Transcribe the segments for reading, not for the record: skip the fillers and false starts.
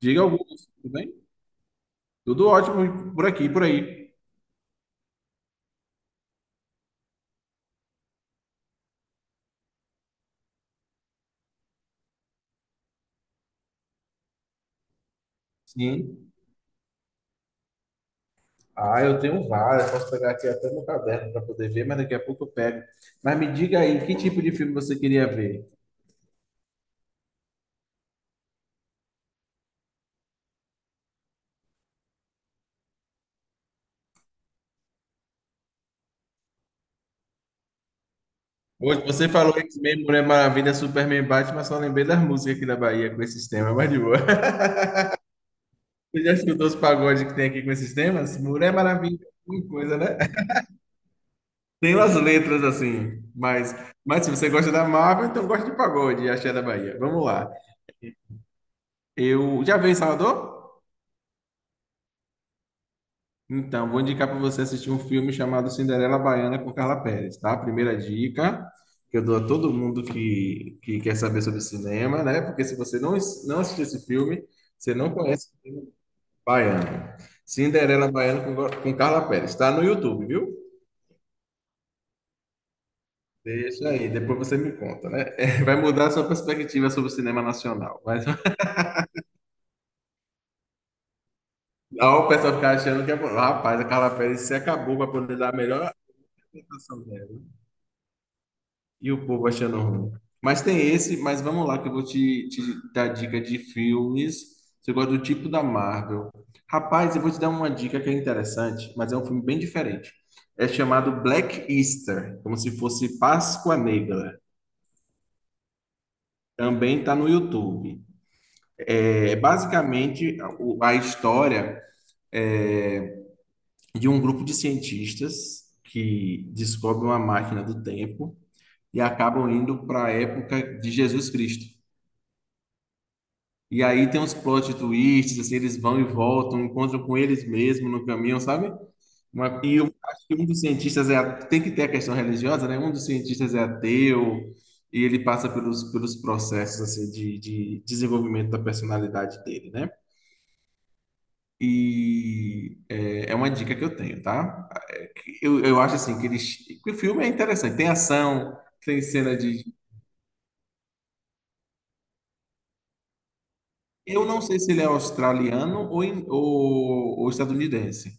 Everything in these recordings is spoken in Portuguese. Diga Augusto, tudo bem? Tudo ótimo por aqui, por aí. Sim. Ah, eu tenho várias. Posso pegar aqui até meu caderno para poder ver, mas daqui a pouco eu pego. Mas me diga aí, que tipo de filme você queria ver? Hoje você falou X-Men, Mulher Maravilha, Superman, Batman, só lembrei das músicas aqui da Bahia com esses temas, mas de boa. Você já escutou os pagodes que tem aqui com esses temas? Mulher Maravilha, alguma coisa, né? Tem umas letras assim, mas se você gosta da Marvel, então gosta de pagode e axé da Bahia. Vamos lá. Eu já veio em Salvador? Então, vou indicar para você assistir um filme chamado Cinderela Baiana com Carla Perez, tá? Primeira dica que eu dou a todo mundo que quer saber sobre cinema, né? Porque se você não, não assistir esse filme, você não conhece o filme Baiano. Cinderela Baiana com Carla Perez, tá no YouTube, viu? Deixa aí, depois você me conta, né? Vai mudar a sua perspectiva sobre o cinema nacional. Mas ó, o pessoal achando que é. Rapaz, a Carla Perez se acabou para poder dar a melhor apresentação dela. E o povo achando ruim. Mas tem esse, mas vamos lá, que eu vou te dar dica de filmes. Você gosta do tipo da Marvel. Rapaz, eu vou te dar uma dica que é interessante, mas é um filme bem diferente. É chamado Black Easter, como se fosse Páscoa Negra. Também está no YouTube. É basicamente a história é, de um grupo de cientistas que descobrem uma máquina do tempo e acabam indo para a época de Jesus Cristo. E aí tem uns plot twists, assim, eles vão e voltam, encontram com eles mesmos no caminho, sabe? E eu acho que um dos cientistas tem que ter a questão religiosa, né? Um dos cientistas é ateu e ele passa pelos processos assim, de desenvolvimento da personalidade dele, né? E é uma dica que eu tenho, tá? Eu acho assim que o filme é interessante, tem ação, tem cena de. Eu não sei se ele é australiano ou estadunidense.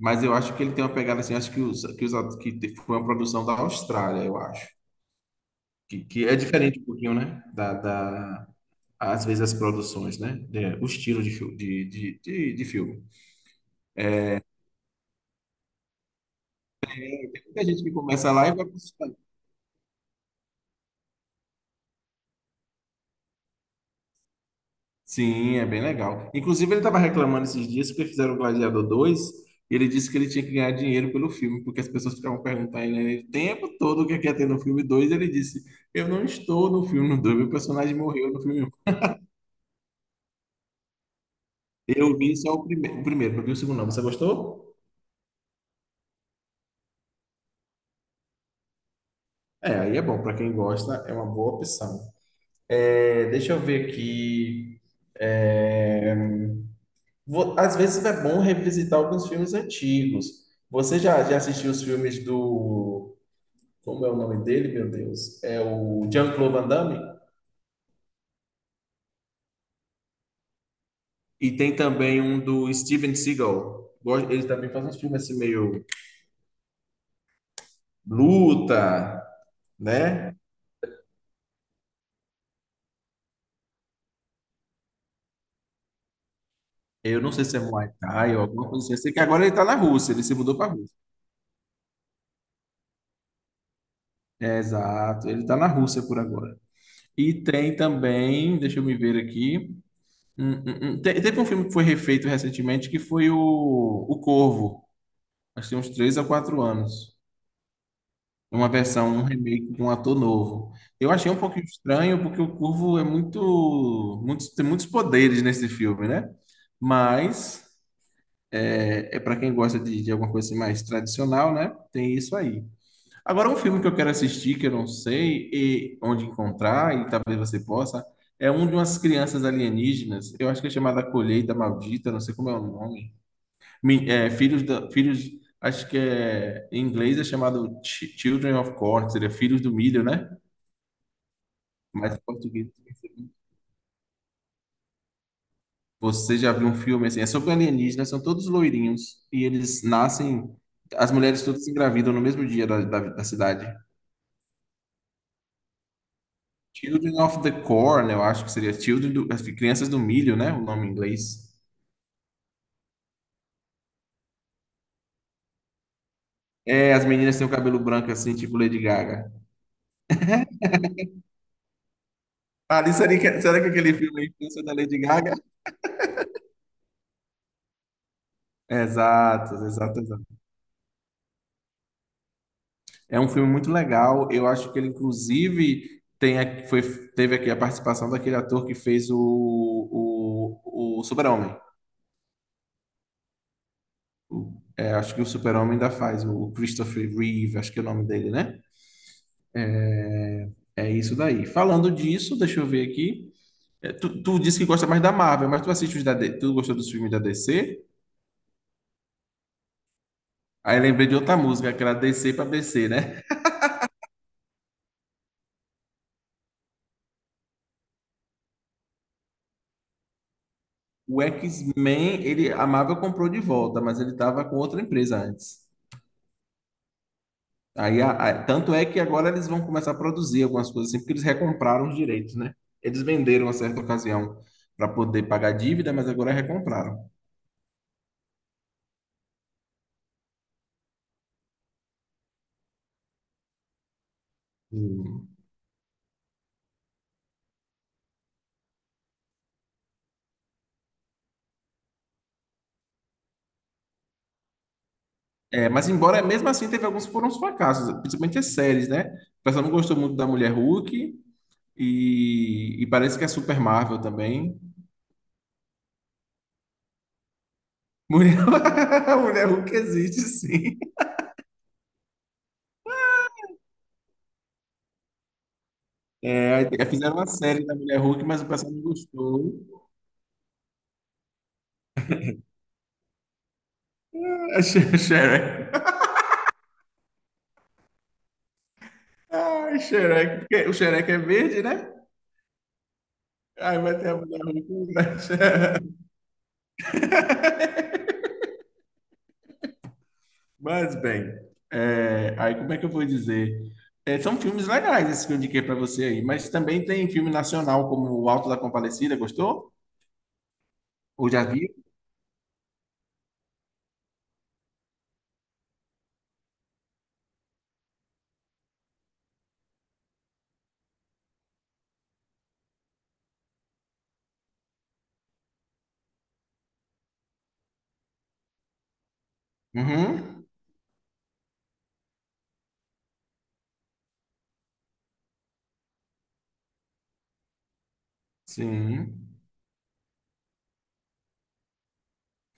Mas eu acho que ele tem uma pegada assim, acho que foi uma produção da Austrália, eu acho. Que é diferente um pouquinho, né? Às vezes as produções, né? O estilo de, fil- de filme. Tem gente que começa lá e vai para os Estados. Sim, é bem legal. Inclusive, ele estava reclamando esses dias porque fizeram o Gladiador 2, e ele disse que ele tinha que ganhar dinheiro pelo filme, porque as pessoas ficavam perguntando a ele né, o tempo todo o que é que ia ter no filme 2. Ele disse: eu não estou no filme 2, meu personagem morreu no filme. Eu vi só o, prime o primeiro, não vi o segundo não. Você gostou? É, aí é bom. Para quem gosta, é uma boa opção. É, deixa eu ver aqui. É, às vezes é bom revisitar alguns filmes antigos. Você já assistiu os filmes do... Como é o nome dele, meu Deus? É o Jean-Claude Van Damme? E tem também um do Steven Seagal. Ele também faz uns filmes assim meio luta, né? Eu não sei se é Muay Thai ou alguma coisa assim. Eu sei que agora ele tá na Rússia, ele se mudou para. É, exato, ele está na Rússia por agora. E tem também, deixa eu me ver aqui. Teve um filme que foi refeito recentemente que foi o Corvo. Acho que tem uns três a quatro anos. Uma versão, um remake de um ator novo. Eu achei um pouquinho estranho, porque o Corvo é tem muitos poderes nesse filme, né? Mas é, para quem gosta de alguma coisa assim mais tradicional, né? Tem isso aí. Agora, um filme que eu quero assistir, que eu não sei e onde encontrar, e talvez você possa, é um de umas crianças alienígenas, eu acho que é chamada Colheita Maldita, não sei como é o nome. Filhos, acho que é, em inglês é chamado Children of Corn, seria Filhos do Milho, né? Mas em português. Você já viu um filme assim? É sobre alienígenas, são todos loirinhos, e eles nascem, as mulheres todas se engravidam no mesmo dia da cidade. Children of the Corn, eu acho que seria Children do, acho que Crianças do Milho, né? O nome em inglês. É, as meninas têm o cabelo branco assim, tipo Lady Gaga. Ah, ali seria, será que aquele filme é influência da Lady Gaga? Exato, exato, exato. É um filme muito legal. Eu acho que ele, inclusive, tem, foi, teve aqui a participação daquele ator que fez o Super-Homem. É, acho que o Super-Homem ainda faz, o Christopher Reeve, acho que é o nome dele, né? É isso daí. Falando disso, deixa eu ver aqui. É, tu disse que gosta mais da Marvel, mas tu assiste os da D, C, tu gostou dos filmes da DC? Aí lembrei de outra música, aquela DC pra BC, né? O X-Men, ele, a Marvel comprou de volta, mas ele tava com outra empresa antes. Aí, tanto é que agora eles vão começar a produzir algumas coisas assim, porque eles recompraram os direitos, né? Eles venderam a certa ocasião para poder pagar a dívida, mas agora recompraram. Hum. É, mas embora, mesmo assim, teve alguns que foram uns fracassos, principalmente as séries, né? O pessoal não gostou muito da Mulher Hulk, e parece que é Super Marvel também. Mulher, Mulher Hulk existe, sim. É, fizeram uma série da Mulher Hulk, mas o pessoal não gostou. Ah, Shrek. Ai, Shrek. Porque o Shrek é verde, né? Aí vai ter a Mulher Hulk, né? Mas, bem, é, aí como é que eu vou dizer? É, são filmes legais esses que eu indiquei para você aí, mas também tem filme nacional como O Alto da Compadecida, gostou? Ou já viu? Uhum. Sim.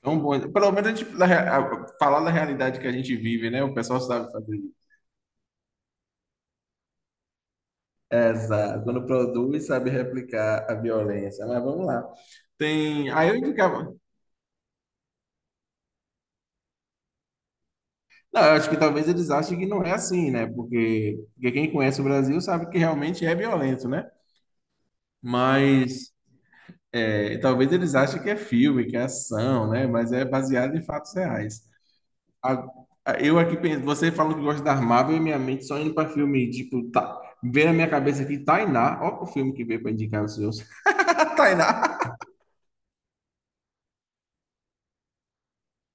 Tão bom. Pelo menos a gente falar da realidade que a gente vive, né? O pessoal sabe fazer isso. Exato. Quando produz, sabe replicar a violência. Mas vamos lá. Tem. Aí eu indicava. Não, eu acho que talvez eles achem que não é assim, né? Porque, porque quem conhece o Brasil sabe que realmente é violento, né? Mas é, talvez eles achem que é filme, que é ação, né? Mas é baseado em fatos reais. A- Eu aqui, você falou que gosta da Marvel e minha mente só indo para filme, tipo, tá, veio na minha cabeça aqui, Tainá, ó o filme que veio para indicar os seus. Tainá.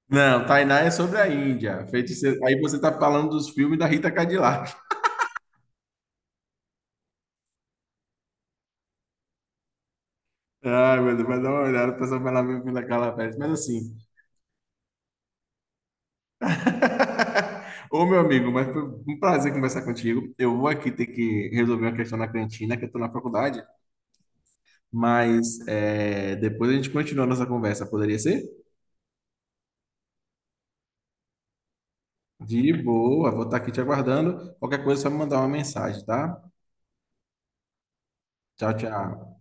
Não, Tainá é sobre a Índia. Feiticeiro. Aí você tá falando dos filmes da Rita Cadillac. Ai, meu Deus, vai dar uma olhada, o pessoal vai lá ver o filme da Carla Pérez. Mas assim. Ô, meu amigo, mas foi um prazer conversar contigo. Eu vou aqui ter que resolver uma questão na cantina, que eu tô na faculdade. Mas é, depois a gente continua a nossa conversa, poderia ser? De boa, vou estar aqui te aguardando. Qualquer coisa, é só me mandar uma mensagem, tá? Tchau, tchau.